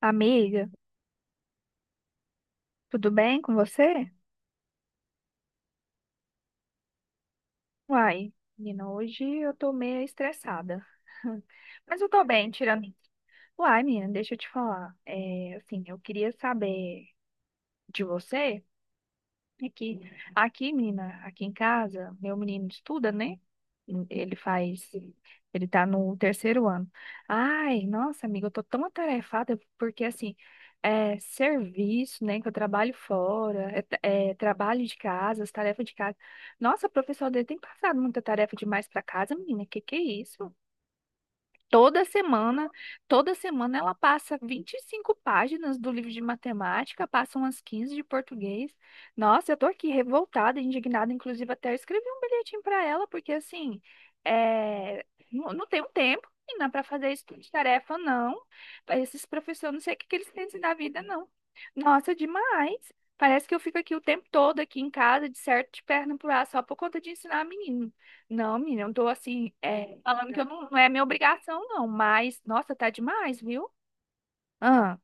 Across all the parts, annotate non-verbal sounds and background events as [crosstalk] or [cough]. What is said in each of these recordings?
Amiga, tudo bem com você? Uai, menina, hoje eu tô meio estressada. [laughs] Mas eu tô bem, tirando isso. Uai, menina, deixa eu te falar. É, assim, eu queria saber de você. Aqui, aqui, menina, aqui em casa, meu menino estuda, né? Ele faz, ele tá no terceiro ano. Ai, nossa, amiga, eu tô tão atarefada porque, assim, é serviço, né? Que eu trabalho fora, é trabalho de casa, as tarefas de casa. Nossa, o professor dele tem passado muita tarefa demais pra casa, menina, que é isso? Toda semana, toda semana, ela passa 25 páginas do livro de matemática, passa umas 15 de português. Nossa, eu tô aqui revoltada, indignada, inclusive até eu escrevi um bilhetinho para ela, porque assim, é, não, não tenho tempo, e não para fazer isso de tarefa, não. Esses professores, não sei o que que eles pensam da vida, não. Nossa, demais. Parece que eu fico aqui o tempo todo, aqui em casa, de certo, de perna pro ar, só por conta de ensinar a menina. Não, menina, eu tô assim, é, falando que eu não, não é minha obrigação, não, mas, nossa, tá demais, viu? Ah,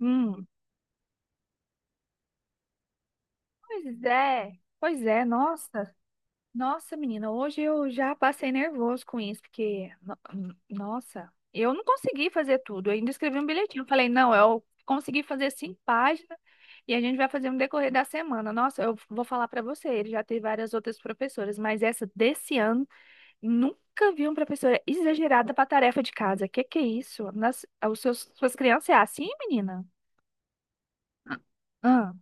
hum. Pois é, pois é, nossa, nossa, menina, hoje eu já passei nervoso com isso, porque, nossa, eu não consegui fazer tudo, eu ainda escrevi um bilhetinho, eu falei, não, eu consegui fazer cinco páginas e a gente vai fazer no decorrer da semana. Nossa, eu vou falar pra você, ele já teve várias outras professoras, mas essa desse ano. Nunca vi uma professora exagerada para tarefa de casa. Que é isso? Suas crianças é assim, menina? Ah,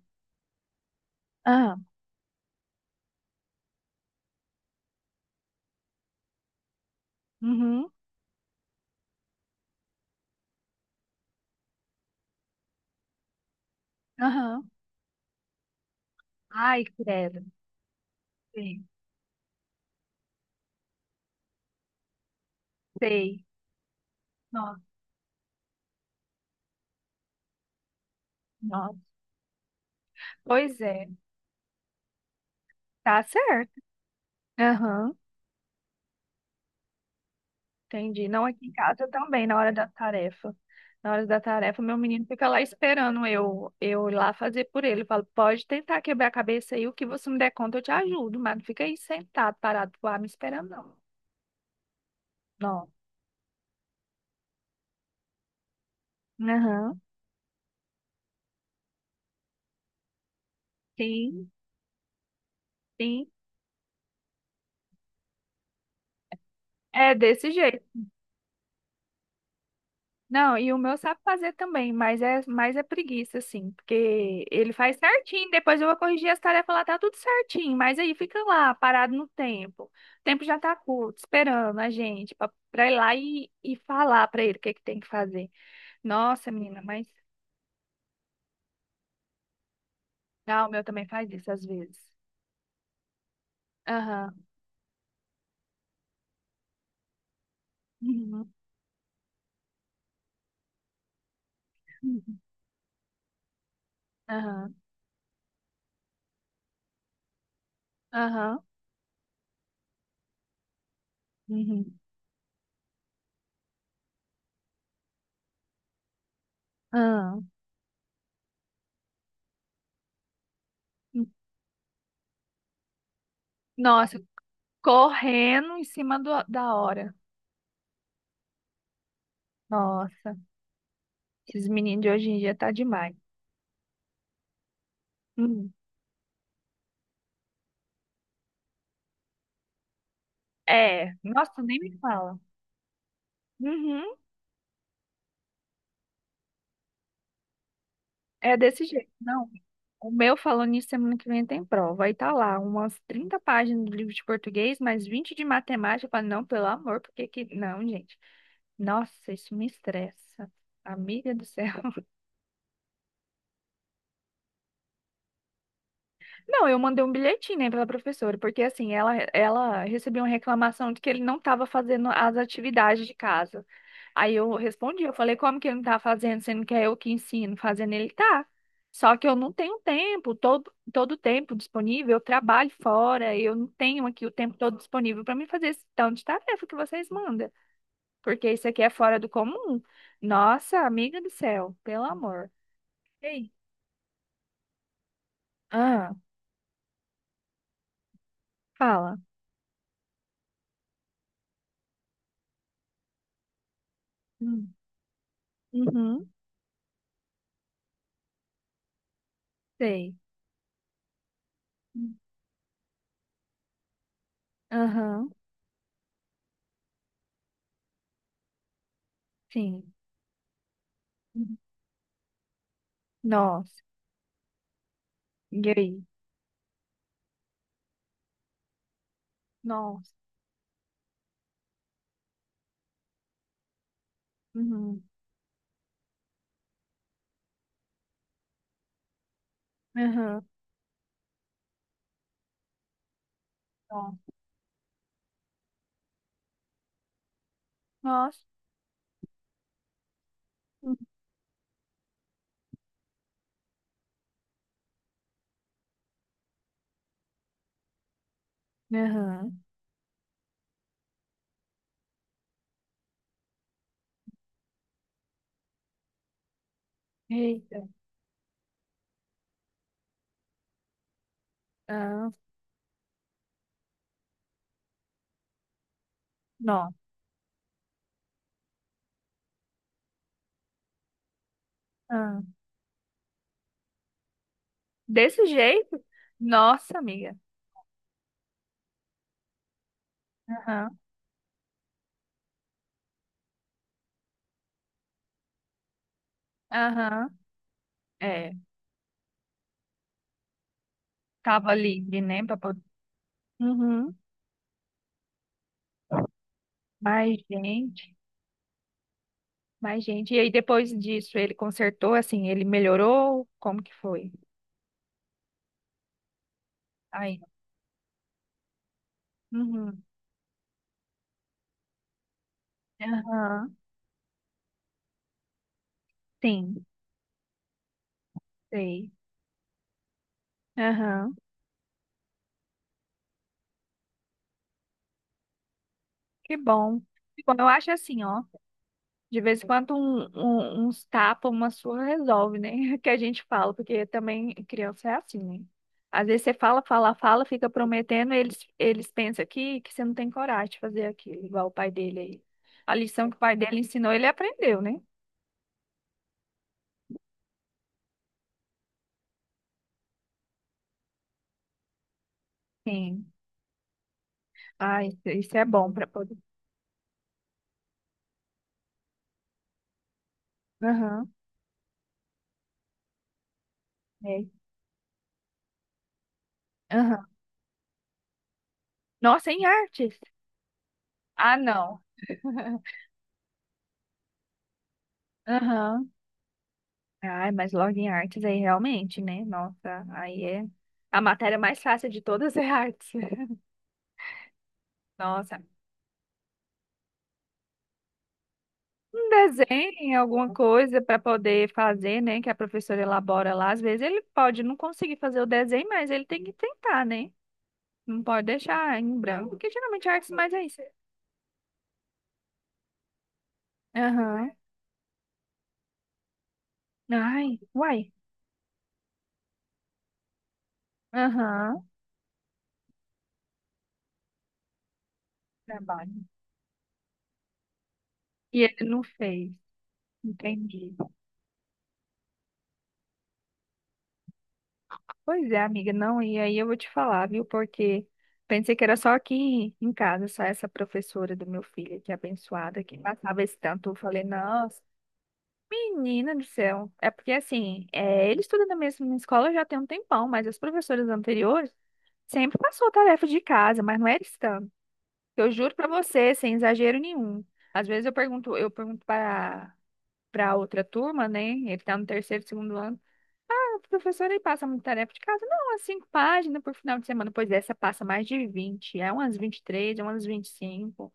ah, uhum, aham. Ai, credo. Sei, sei. Nossa, nossa. Pois é, tá certo. Aham, entendi. Não aqui em casa também, na hora da tarefa. Na hora da tarefa, meu menino fica lá esperando eu ir lá fazer por ele. Eu falo, pode tentar quebrar a cabeça aí, o que você me der conta, eu te ajudo, mas não fica aí sentado, parado, lá, me esperando, não. Não. Aham. Sim, sim. É desse jeito. Não, e o meu sabe fazer também, mas é mais é preguiça, assim, porque ele faz certinho, depois eu vou corrigir as tarefas lá, tá tudo certinho, mas aí fica lá, parado no tempo. O tempo já tá curto, esperando a gente pra ir lá e falar pra ele o que que tem que fazer. Nossa, menina, mas. Ah, o meu também faz isso às vezes. Aham. Uhum. Aham. Aham. Uhum. Aham. Nossa, correndo em cima da hora. Nossa, esses meninos de hoje em dia tá demais. Hum. É, nossa, nem me fala. Uhum, é desse jeito. Não, o meu falando nisso, semana que vem tem prova. Aí tá lá, umas 30 páginas do livro de português, mais 20 de matemática. Eu falo, não, pelo amor, não, gente. Nossa, isso me estressa. Amiga do céu. [laughs] Não, eu mandei um bilhetinho, né, pela professora, porque assim, ela recebeu uma reclamação de que ele não estava fazendo as atividades de casa. Aí eu respondi, eu falei, como que ele não tá fazendo, sendo que é eu que ensino, fazendo ele tá. Só que eu não tenho tempo, todo o tempo disponível, eu trabalho fora, eu não tenho aqui o tempo todo disponível para me fazer esse tanto de tarefa que vocês mandam, porque isso aqui é fora do comum. Nossa, amiga do céu, pelo amor. Ei. Ah, fala. Hum. Uhum, sei. Hum. Aham, sim. Uhum. Nossa, e aí? Nossa. Uhum, aham, nossa. Nossa. Aham. Eita. Ah, não. Ah. Desse jeito? Nossa, amiga. Aham. Aham. É. Tava livre, né? Uhum. Mais gente. Mais gente. E aí, depois disso, ele consertou, assim, ele melhorou? Como que foi? Aí. Uhum. Aham. Sim. Sei. Aham. Que bom. Que bom. Eu acho assim, ó. De vez em quando uns tapas, uma surra resolve, né? [laughs] Que a gente fala, porque também criança é assim, né? Às vezes você fala, fala, fala, fica prometendo, eles pensam que você não tem coragem de fazer aquilo, igual o pai dele aí. A lição que o pai dele ensinou, ele aprendeu, né? Sim. Ah, isso é bom para poder. Aham. É. Aham. Nossa, em artes? Ah, não. [laughs] Aham. Ai, mas logo em artes aí realmente, né? Nossa, aí é. A matéria mais fácil de todas é artes. Nossa, um desenho, alguma coisa para poder fazer, né? Que a professora elabora lá. Às vezes ele pode não conseguir fazer o desenho, mas ele tem que tentar, né? Não pode deixar em branco, porque geralmente a arte mais é isso. Aham. Ai, uai. Aham. Trabalho. E ele não fez. Entendi. Pois é, amiga, não, e aí eu vou te falar, viu? Porque pensei que era só aqui em casa, só essa professora do meu filho, que é abençoada, que passava esse tanto. Eu falei, nossa. Menina do céu. É porque assim, é, ele estuda na mesma escola já tem um tempão, mas as professoras anteriores sempre passou tarefa de casa, mas não era scan. Eu juro pra você, sem exagero nenhum. Às vezes eu pergunto para outra turma, né? Ele tá no terceiro, segundo ano. Ah, professora, ele passa muita tarefa de casa? Não, umas cinco páginas por final de semana. Pois é, essa passa mais de 20. É umas 23, é umas 25.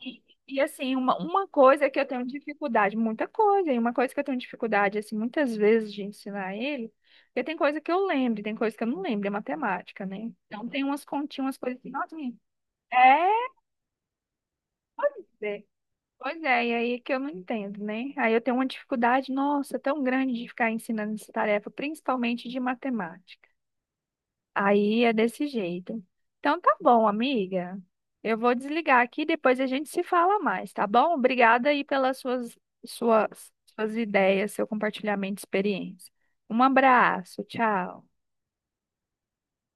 E, e, assim, uma coisa que eu tenho dificuldade, muita coisa, e uma coisa que eu tenho dificuldade, assim, muitas vezes de ensinar ele, porque tem coisa que eu lembro, e tem coisa que eu não lembro, é matemática, né? Então tem umas continhas, umas coisas assim, nossa, menina, é, é. Pois é, e aí que eu não entendo, né? Aí eu tenho uma dificuldade, nossa, tão grande de ficar ensinando essa tarefa, principalmente de matemática. Aí é desse jeito. Então tá bom, amiga. Eu vou desligar aqui, depois a gente se fala mais, tá bom? Obrigada aí pelas suas ideias, seu compartilhamento de experiência. Um abraço, tchau.